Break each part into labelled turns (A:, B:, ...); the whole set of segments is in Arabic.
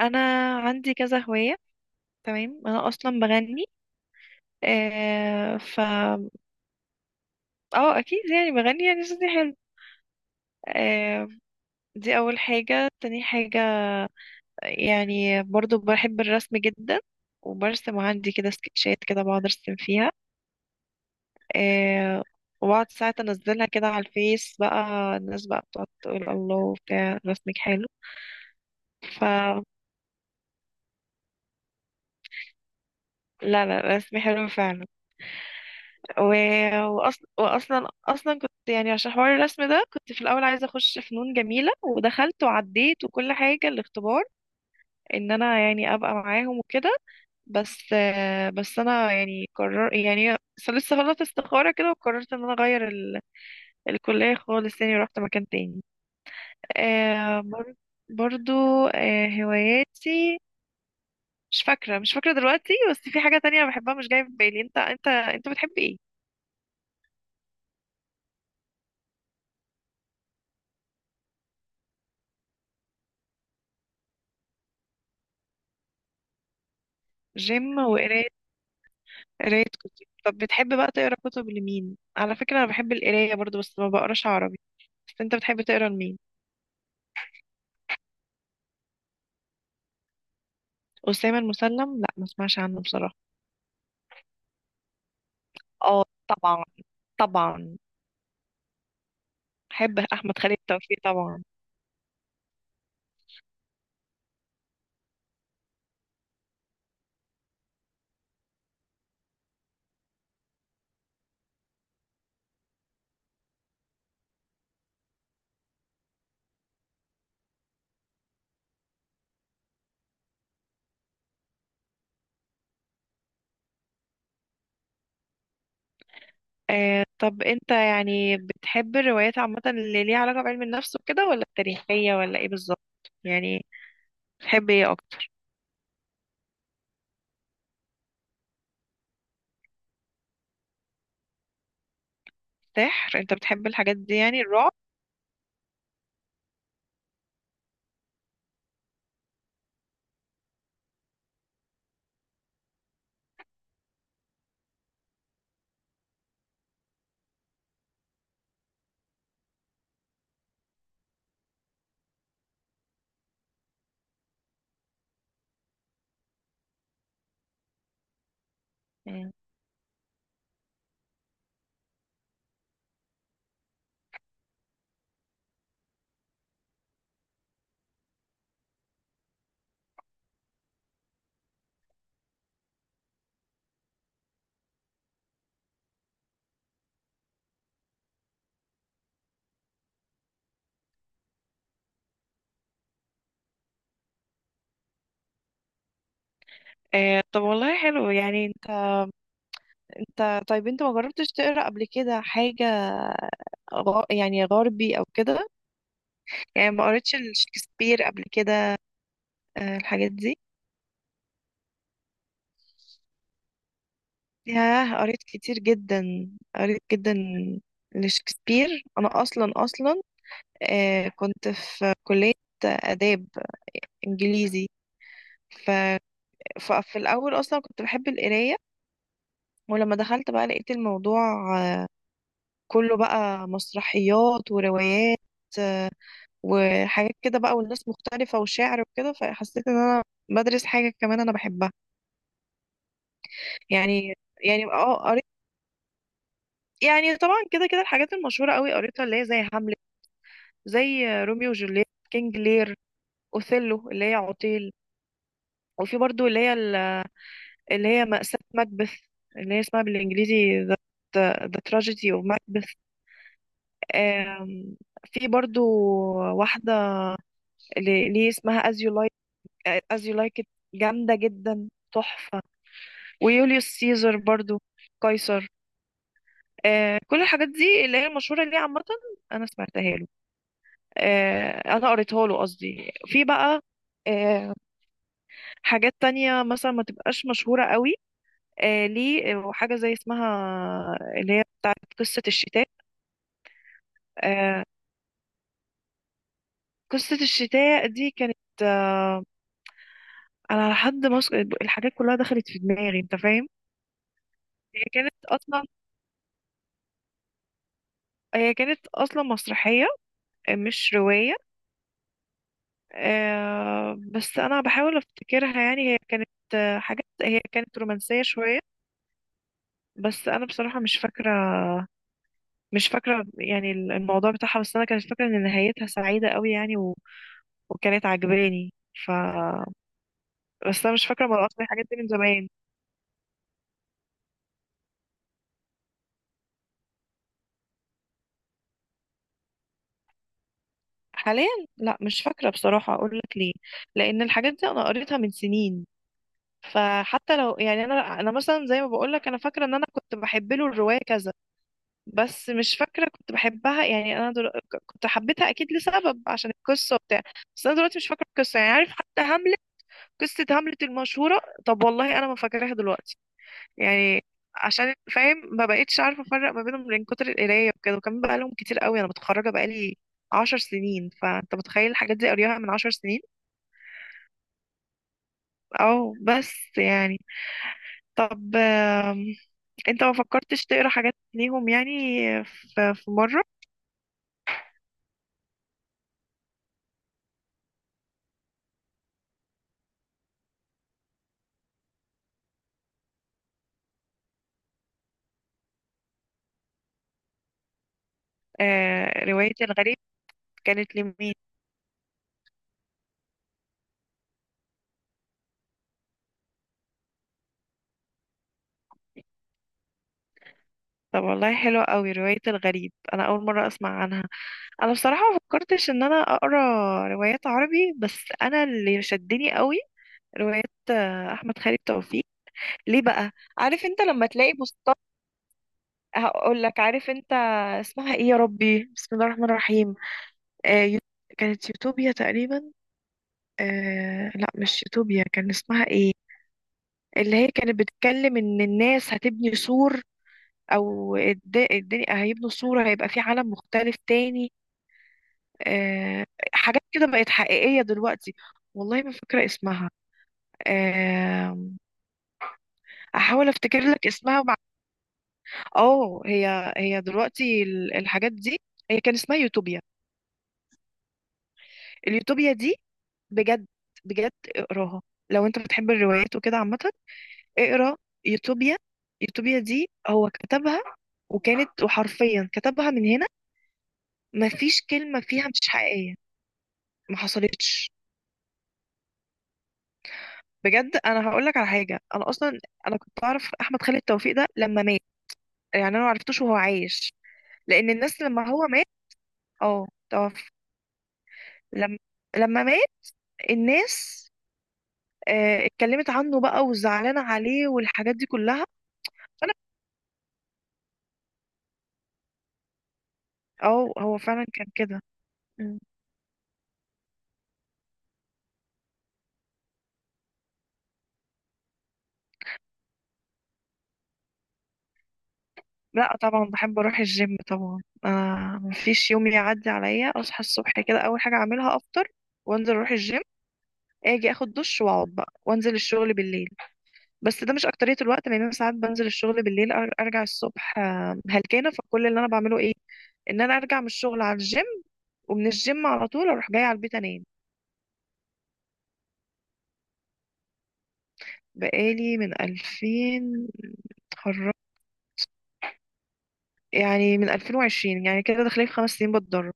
A: انا عندي كذا هواية. تمام، انا اصلا بغني. آه ف اه اكيد، يعني بغني يعني صوتي حلو. آه دي اول حاجة. تاني حاجة يعني برضو بحب الرسم جدا، وبرسم عندي كده سكتشات كده بقعد ارسم فيها، آه وبقعد ساعات انزلها كده على الفيس بقى، الناس بقى بتقعد تقول الله بتاع رسمك حلو. ف لا لا رسمي حلو فعلا. و... وأصل... واصلا اصلا كنت يعني عشان حوار الرسم ده كنت في الاول عايزه اخش فنون جميله، ودخلت وعديت وكل حاجه الاختبار ان انا يعني ابقى معاهم وكده. بس بس انا يعني قرر يعني لسه فضلت استخاره كده، وقررت ان انا اغير الكليه خالص تاني، ورحت مكان تاني. آه، بر... برضو. هواياتي مش فاكره دلوقتي، بس في حاجه تانية بحبها مش جايه في بالي. انت بتحب ايه؟ جيم وقرايه، قراية كتب. طب بتحب بقى تقرا كتب لمين؟ على فكرة انا بحب القراية برضو بس ما بقراش عربي، بس انت بتحب تقرا لمين؟ أسامة المسلم؟ لا ما اسمعش عنه بصراحة. اه طبعا، طبعا بحب احمد خالد توفيق طبعا. طب انت يعني بتحب الروايات عامة اللي ليها علاقة بعلم النفس وكده، ولا التاريخية، ولا ايه بالظبط؟ يعني بتحب ايه اكتر؟ سحر؟ انت بتحب الحاجات دي يعني الرعب؟ مم. طب والله حلو. يعني انت، انت طيب انت ما جربتش تقرا قبل كده حاجة يعني غربي او كده؟ يعني ما قريتش شكسبير قبل كده؟ الحاجات دي؟ ياه، قريت كتير جدا، قريت جدا لشكسبير. انا اصلا كنت في كلية آداب انجليزي. ف... ففي الاول اصلا كنت بحب القراية، ولما دخلت بقى لقيت الموضوع آه، كله بقى مسرحيات وروايات وحاجات كده بقى، والناس مختلفة وشعر وكده، فحسيت ان انا بدرس حاجة كمان انا بحبها يعني. يعني اه قريت، يعني طبعا كده كده الحاجات المشهورة قوي قريتها، اللي هي زي هاملت، زي روميو وجولييت، كينج لير، اوثيلو اللي هي عطيل، وفي برضو اللي هي اللي هي مأساة مكبث، اللي هي اسمها بالانجليزي The Tragedy of Macbeth. آم، في برضو واحدة اللي هي اسمها As You Like It، جامدة جدا، تحفة. ويوليوس سيزر برضو، قيصر. كل الحاجات دي اللي هي المشهورة اللي هي عامة أنا سمعتها له، انا قريتها له قصدي. في بقى آه، حاجات تانية مثلا ما تبقاش مشهورة قوي، ليه، وحاجة زي اسمها اللي هي بتاعت قصة الشتاء. آه، قصة الشتاء دي كانت أنا على حد مصر الحاجات كلها دخلت في دماغي، أنت فاهم. هي كانت أصلا، هي كانت أصلا مسرحية مش رواية. بس أنا بحاول أفتكرها، يعني هي كانت حاجات، هي كانت رومانسية شوية، بس أنا بصراحة مش فاكرة يعني الموضوع بتاعها، بس أنا كانت فاكرة إن نهايتها سعيدة قوي يعني، وكانت عجباني. ف بس أنا مش فاكرة، مرات الحاجات دي من زمان. حاليا لا مش فاكرة بصراحة. أقول لك ليه، لأن الحاجات دي أنا قريتها من سنين، فحتى لو يعني أنا مثلا زي ما بقول لك أنا فاكرة إن أنا كنت بحب له الرواية كذا، بس مش فاكرة كنت بحبها يعني. أنا كنت حبيتها أكيد لسبب، عشان القصة وبتاع، بس أنا دلوقتي مش فاكرة القصة. يعني عارف، حتى هاملت، قصة هاملت المشهورة، طب والله أنا ما فاكراها دلوقتي يعني. عشان فاهم ما بقتش عارفه افرق ما بينهم من كتر القرايه وكده، وكمان بقى لهم كتير قوي، انا متخرجه بقى لي 10 سنين، فانت متخيل الحاجات دي قريها من 10 سنين. بس يعني. طب انت ما فكرتش تقرا حاجات ليهم يعني، في مره؟ روايه الغريب، كانت لمين؟ طب والله حلوة قوي، رواية الغريب، أنا أول مرة أسمع عنها. أنا بصراحة ما فكرتش إن أنا أقرأ روايات عربي، بس أنا اللي شدني قوي روايات احمد خالد توفيق. ليه بقى؟ عارف انت لما تلاقي، بص هقول لك. عارف انت اسمها ايه؟ يا ربي، بسم الله الرحمن الرحيم. آه يو- كانت يوتوبيا تقريبا. آه لا مش يوتوبيا، كان اسمها ايه؟ اللي هي كانت بتتكلم ان الناس هتبني سور، او الدنيا هيبنوا سور، هيبقى في عالم مختلف تاني، آه حاجات كده بقت حقيقية دلوقتي. والله ما فاكرة اسمها. آه، احاول افتكر لك اسمها. اه هي دلوقتي الحاجات دي، هي كان اسمها يوتوبيا، اليوتوبيا دي. بجد، بجد اقراها لو انت بتحب الروايات وكده عامة. اقرا يوتوبيا. يوتوبيا دي هو كتبها، وكانت، وحرفيا كتبها من هنا، مفيش كلمة فيها مش حقيقية ما حصلتش. بجد انا هقول لك على حاجة، انا اصلا انا كنت اعرف احمد خالد توفيق ده لما مات، يعني انا ما عرفتوش وهو عايش، لان الناس لما هو مات، اه توفى، لما لما مات الناس اتكلمت عنه بقى، وزعلانة عليه، والحاجات دي كلها. فانا اه هو فعلا كان كده. مم. لا طبعا بحب اروح الجيم طبعا. آه مفيش يوم يعدي عليا اصحى الصبح كده، اول حاجه اعملها افطر وانزل اروح الجيم، اجي اخد دش واقعد بقى، وانزل الشغل بالليل. بس ده مش اكتريه الوقت، لان انا ساعات بنزل الشغل بالليل، ارجع الصبح هلكانه، فكل اللي انا بعمله ايه، ان انا ارجع من الشغل على الجيم، ومن الجيم على طول اروح جايه على البيت انام. بقالي من 2000، اتخرجت يعني من 2020، يعني كده داخلين في 5 سنين بتدرب.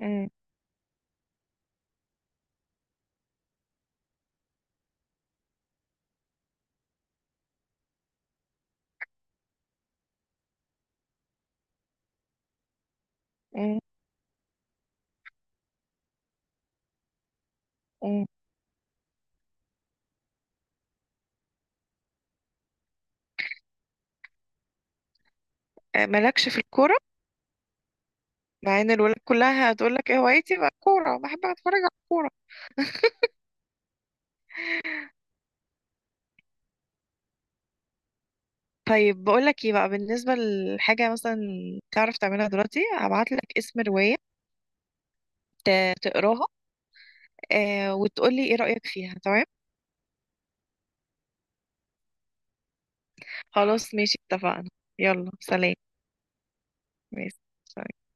A: مم. مم. مم. مالكش في الكورة، مع ان الولاد كلها هتقول لك ايه هوايتي بقى كورة، بحب اتفرج على الكورة. طيب بقول لك ايه بقى، بالنسبة لحاجة مثلا تعرف تعملها دلوقتي، هبعت لك اسم رواية تقراها، آه وتقول لي ايه رأيك فيها، تمام؟ خلاص ماشي، اتفقنا. يلا سلام. ماشي، سلام.